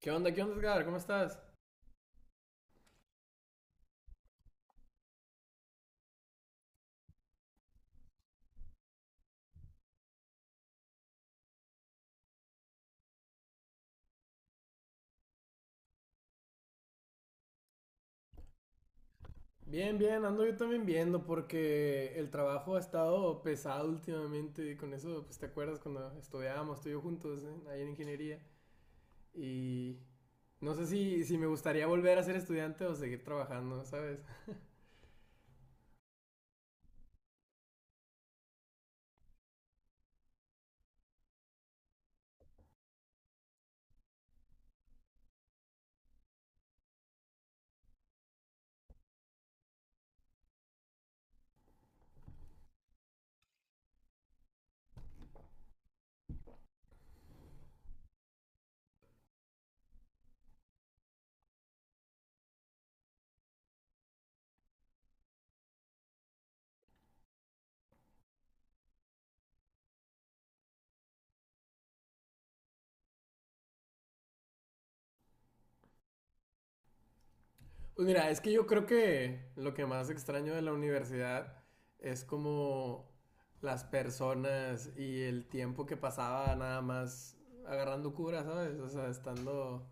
¿Qué onda? ¿Qué onda, Edgar? ¿Cómo estás? Bien, bien, ando yo también viendo porque el trabajo ha estado pesado últimamente. Con eso, pues te acuerdas cuando estudiábamos tú y yo juntos, ¿eh? Ahí en ingeniería. Y no sé si me gustaría volver a ser estudiante o seguir trabajando, ¿sabes? Pues mira, es que yo creo que lo que más extraño de la universidad es como las personas y el tiempo que pasaba nada más agarrando cura, ¿sabes? O sea, estando,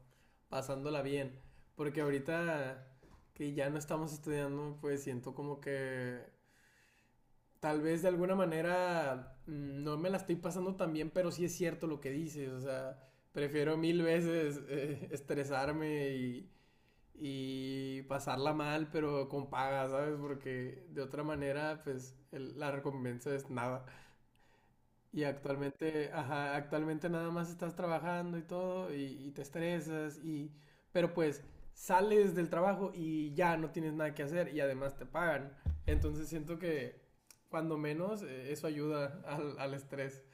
pasándola bien. Porque ahorita que ya no estamos estudiando, pues siento como que tal vez de alguna manera no me la estoy pasando tan bien, pero sí es cierto lo que dices, o sea, prefiero mil veces estresarme y pasarla mal, pero con paga, ¿sabes? Porque de otra manera, pues el- la recompensa es nada. Y actualmente, ajá, actualmente nada más estás trabajando y todo, y te estresas, y, pero pues sales del trabajo y ya no tienes nada que hacer y además te pagan. Entonces siento que cuando menos eso ayuda al, al estrés.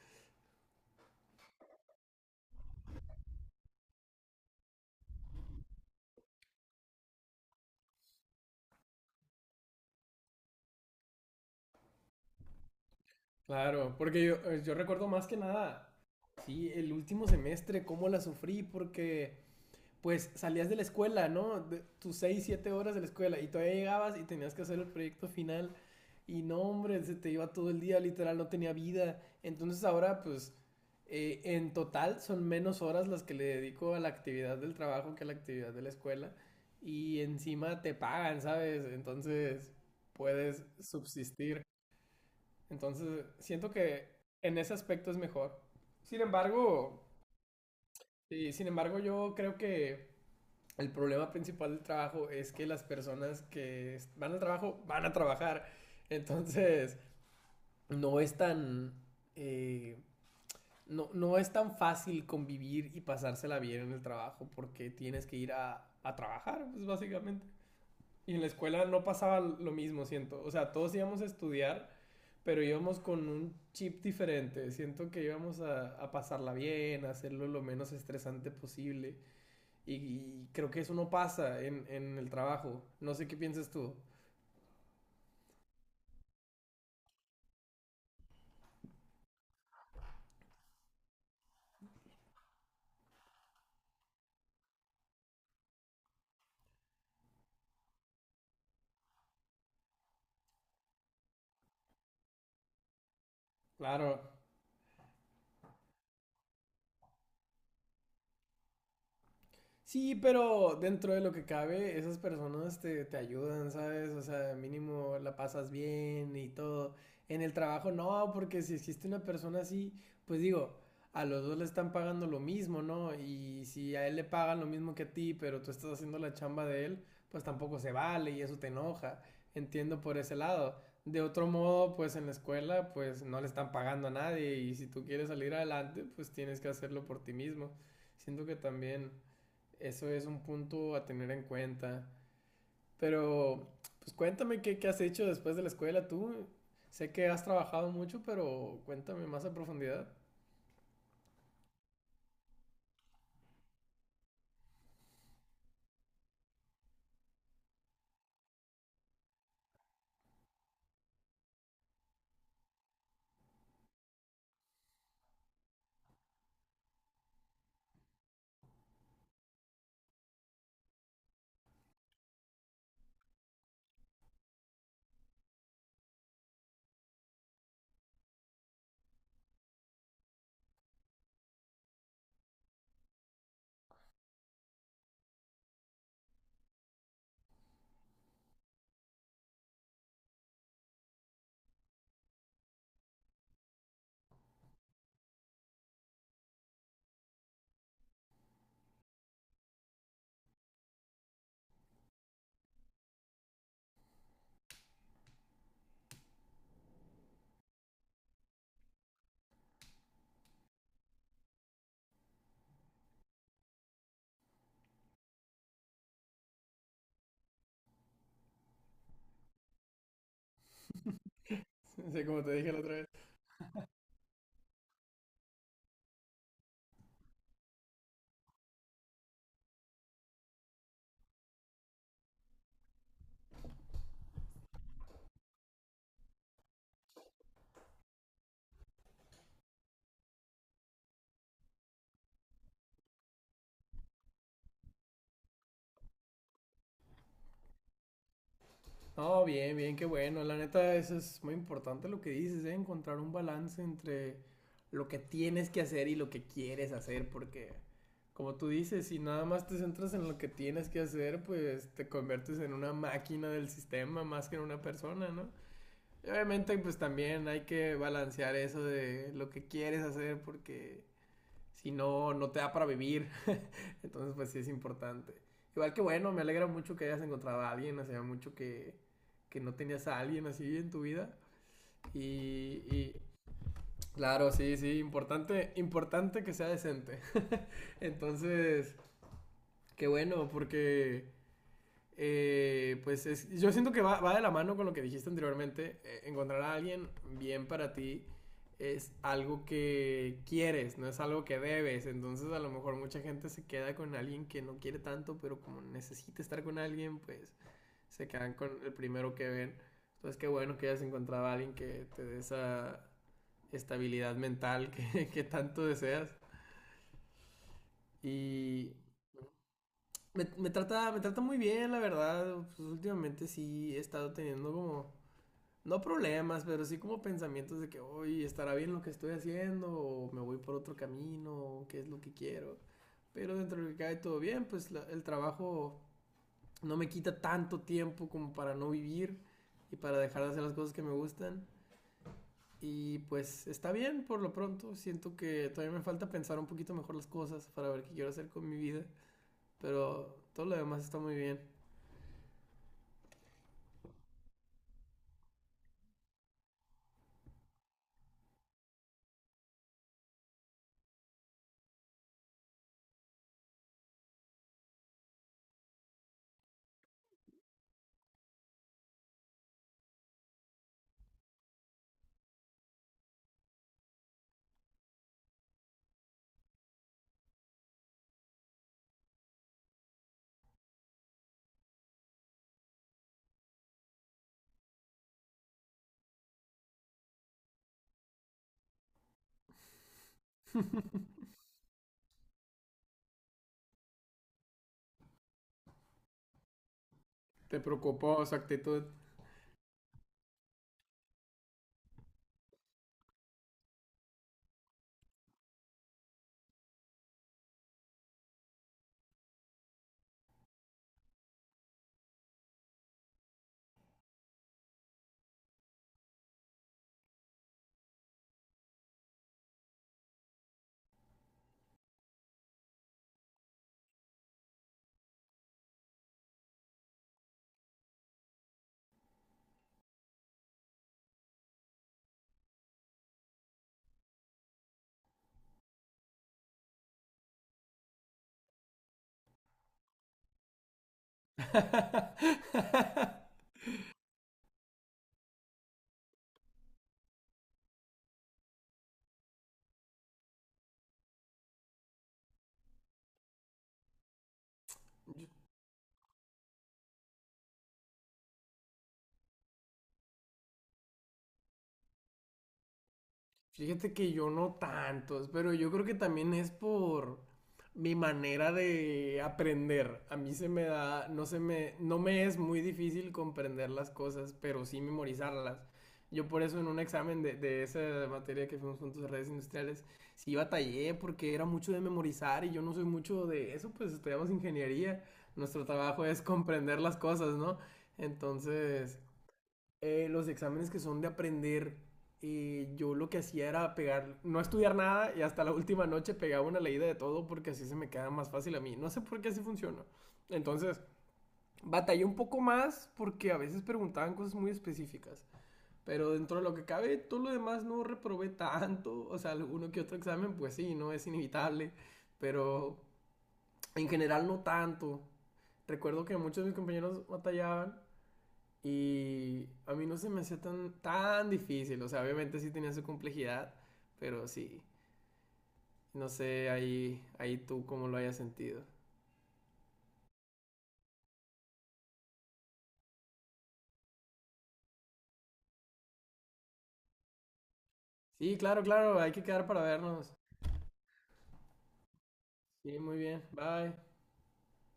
Claro, porque yo, yo recuerdo más que nada, sí, el último semestre, cómo la sufrí, porque pues salías de la escuela, ¿no? De tus 6, 7 horas de la escuela y todavía llegabas y tenías que hacer el proyecto final y no, hombre, se te iba todo el día, literal, no tenía vida. Entonces ahora, pues, en total son menos horas las que le dedico a la actividad del trabajo que a la actividad de la escuela y encima te pagan, ¿sabes? Entonces puedes subsistir. Entonces siento que en ese aspecto es mejor. Sin embargo, sí, sin embargo yo creo que el problema principal del trabajo es que las personas que van al trabajo van a trabajar. Entonces, no es tan eh, no, no es tan fácil convivir y pasársela bien en el trabajo porque tienes que ir a trabajar, pues básicamente. Y en la escuela no pasaba lo mismo, siento. O sea, todos íbamos a estudiar, pero íbamos con un chip diferente. Siento que íbamos a pasarla bien, a hacerlo lo menos estresante posible. Y creo que eso no pasa en el trabajo. No sé qué piensas tú. Claro, sí, pero dentro de lo que cabe, esas personas te, te ayudan, ¿sabes? O sea, mínimo la pasas bien y todo. En el trabajo no, porque si existe una persona así, pues digo, a los dos le están pagando lo mismo, ¿no? Y si a él le pagan lo mismo que a ti, pero tú estás haciendo la chamba de él, pues tampoco se vale y eso te enoja. Entiendo por ese lado. De otro modo, pues en la escuela, pues no le están pagando a nadie y si tú quieres salir adelante, pues tienes que hacerlo por ti mismo. Siento que también eso es un punto a tener en cuenta. Pero, pues cuéntame qué, qué has hecho después de la escuela tú. Sé que has trabajado mucho, pero cuéntame más a profundidad. Sí, como te dije la otra vez. No, bien, bien, qué bueno. La neta, eso es muy importante lo que dices, ¿eh? Encontrar un balance entre lo que tienes que hacer y lo que quieres hacer, porque como tú dices, si nada más te centras en lo que tienes que hacer, pues te conviertes en una máquina del sistema más que en una persona, ¿no? Y obviamente, pues también hay que balancear eso de lo que quieres hacer porque si no, no te da para vivir. Entonces, pues sí es importante. Igual que bueno, me alegra mucho que hayas encontrado a alguien, hacía mucho que no tenías a alguien así en tu vida. Y claro, sí, sí, importante, importante que sea decente. Entonces, qué bueno, porque pues es- yo siento que va, va de la mano con lo que dijiste anteriormente. Encontrar a alguien bien para ti es algo que quieres, no es algo que debes. Entonces a lo mejor mucha gente se queda con alguien que no quiere tanto, pero como necesita estar con alguien, pues se quedan con el primero que ven. Entonces qué bueno que hayas encontrado a alguien que te dé esa estabilidad mental que, que tanto deseas. Y me trata, me trata muy bien, la verdad. Pues últimamente sí he estado teniendo como, no problemas, pero sí como pensamientos de que, hoy estará bien lo que estoy haciendo, o me voy por otro camino, o qué es lo que quiero. Pero dentro de lo que cae todo bien, pues la- el trabajo no me quita tanto tiempo como para no vivir y para dejar de hacer las cosas que me gustan. Y pues está bien por lo pronto. Siento que todavía me falta pensar un poquito mejor las cosas para ver qué quiero hacer con mi vida. Pero todo lo demás está muy bien. Te preocupó su actitud. Fíjate que yo no tantos, pero yo creo que también es por mi manera de aprender. A mí se me da, no se me, no me es muy difícil comprender las cosas, pero sí memorizarlas. Yo por eso en un examen de esa materia que fuimos juntos de redes industriales, sí batallé porque era mucho de memorizar y yo no soy mucho de eso, pues estudiamos ingeniería. Nuestro trabajo es comprender las cosas, ¿no? Entonces, los exámenes que son de aprender, yo lo que hacía era pegar, no estudiar nada y hasta la última noche pegaba una leída de todo porque así se me queda más fácil a mí. No sé por qué así funciona. Entonces, batallé un poco más porque a veces preguntaban cosas muy específicas. Pero dentro de lo que cabe, todo lo demás no reprobé tanto. O sea, uno que otro examen, pues sí, no es inevitable. Pero en general no tanto. Recuerdo que muchos de mis compañeros batallaban y a mí no se me hacía tan, tan difícil. O sea, obviamente sí tenía su complejidad, pero sí. No sé ahí, ahí tú cómo lo hayas sentido. Sí, claro, claro, hay que quedar para vernos. Sí, muy bien. Bye.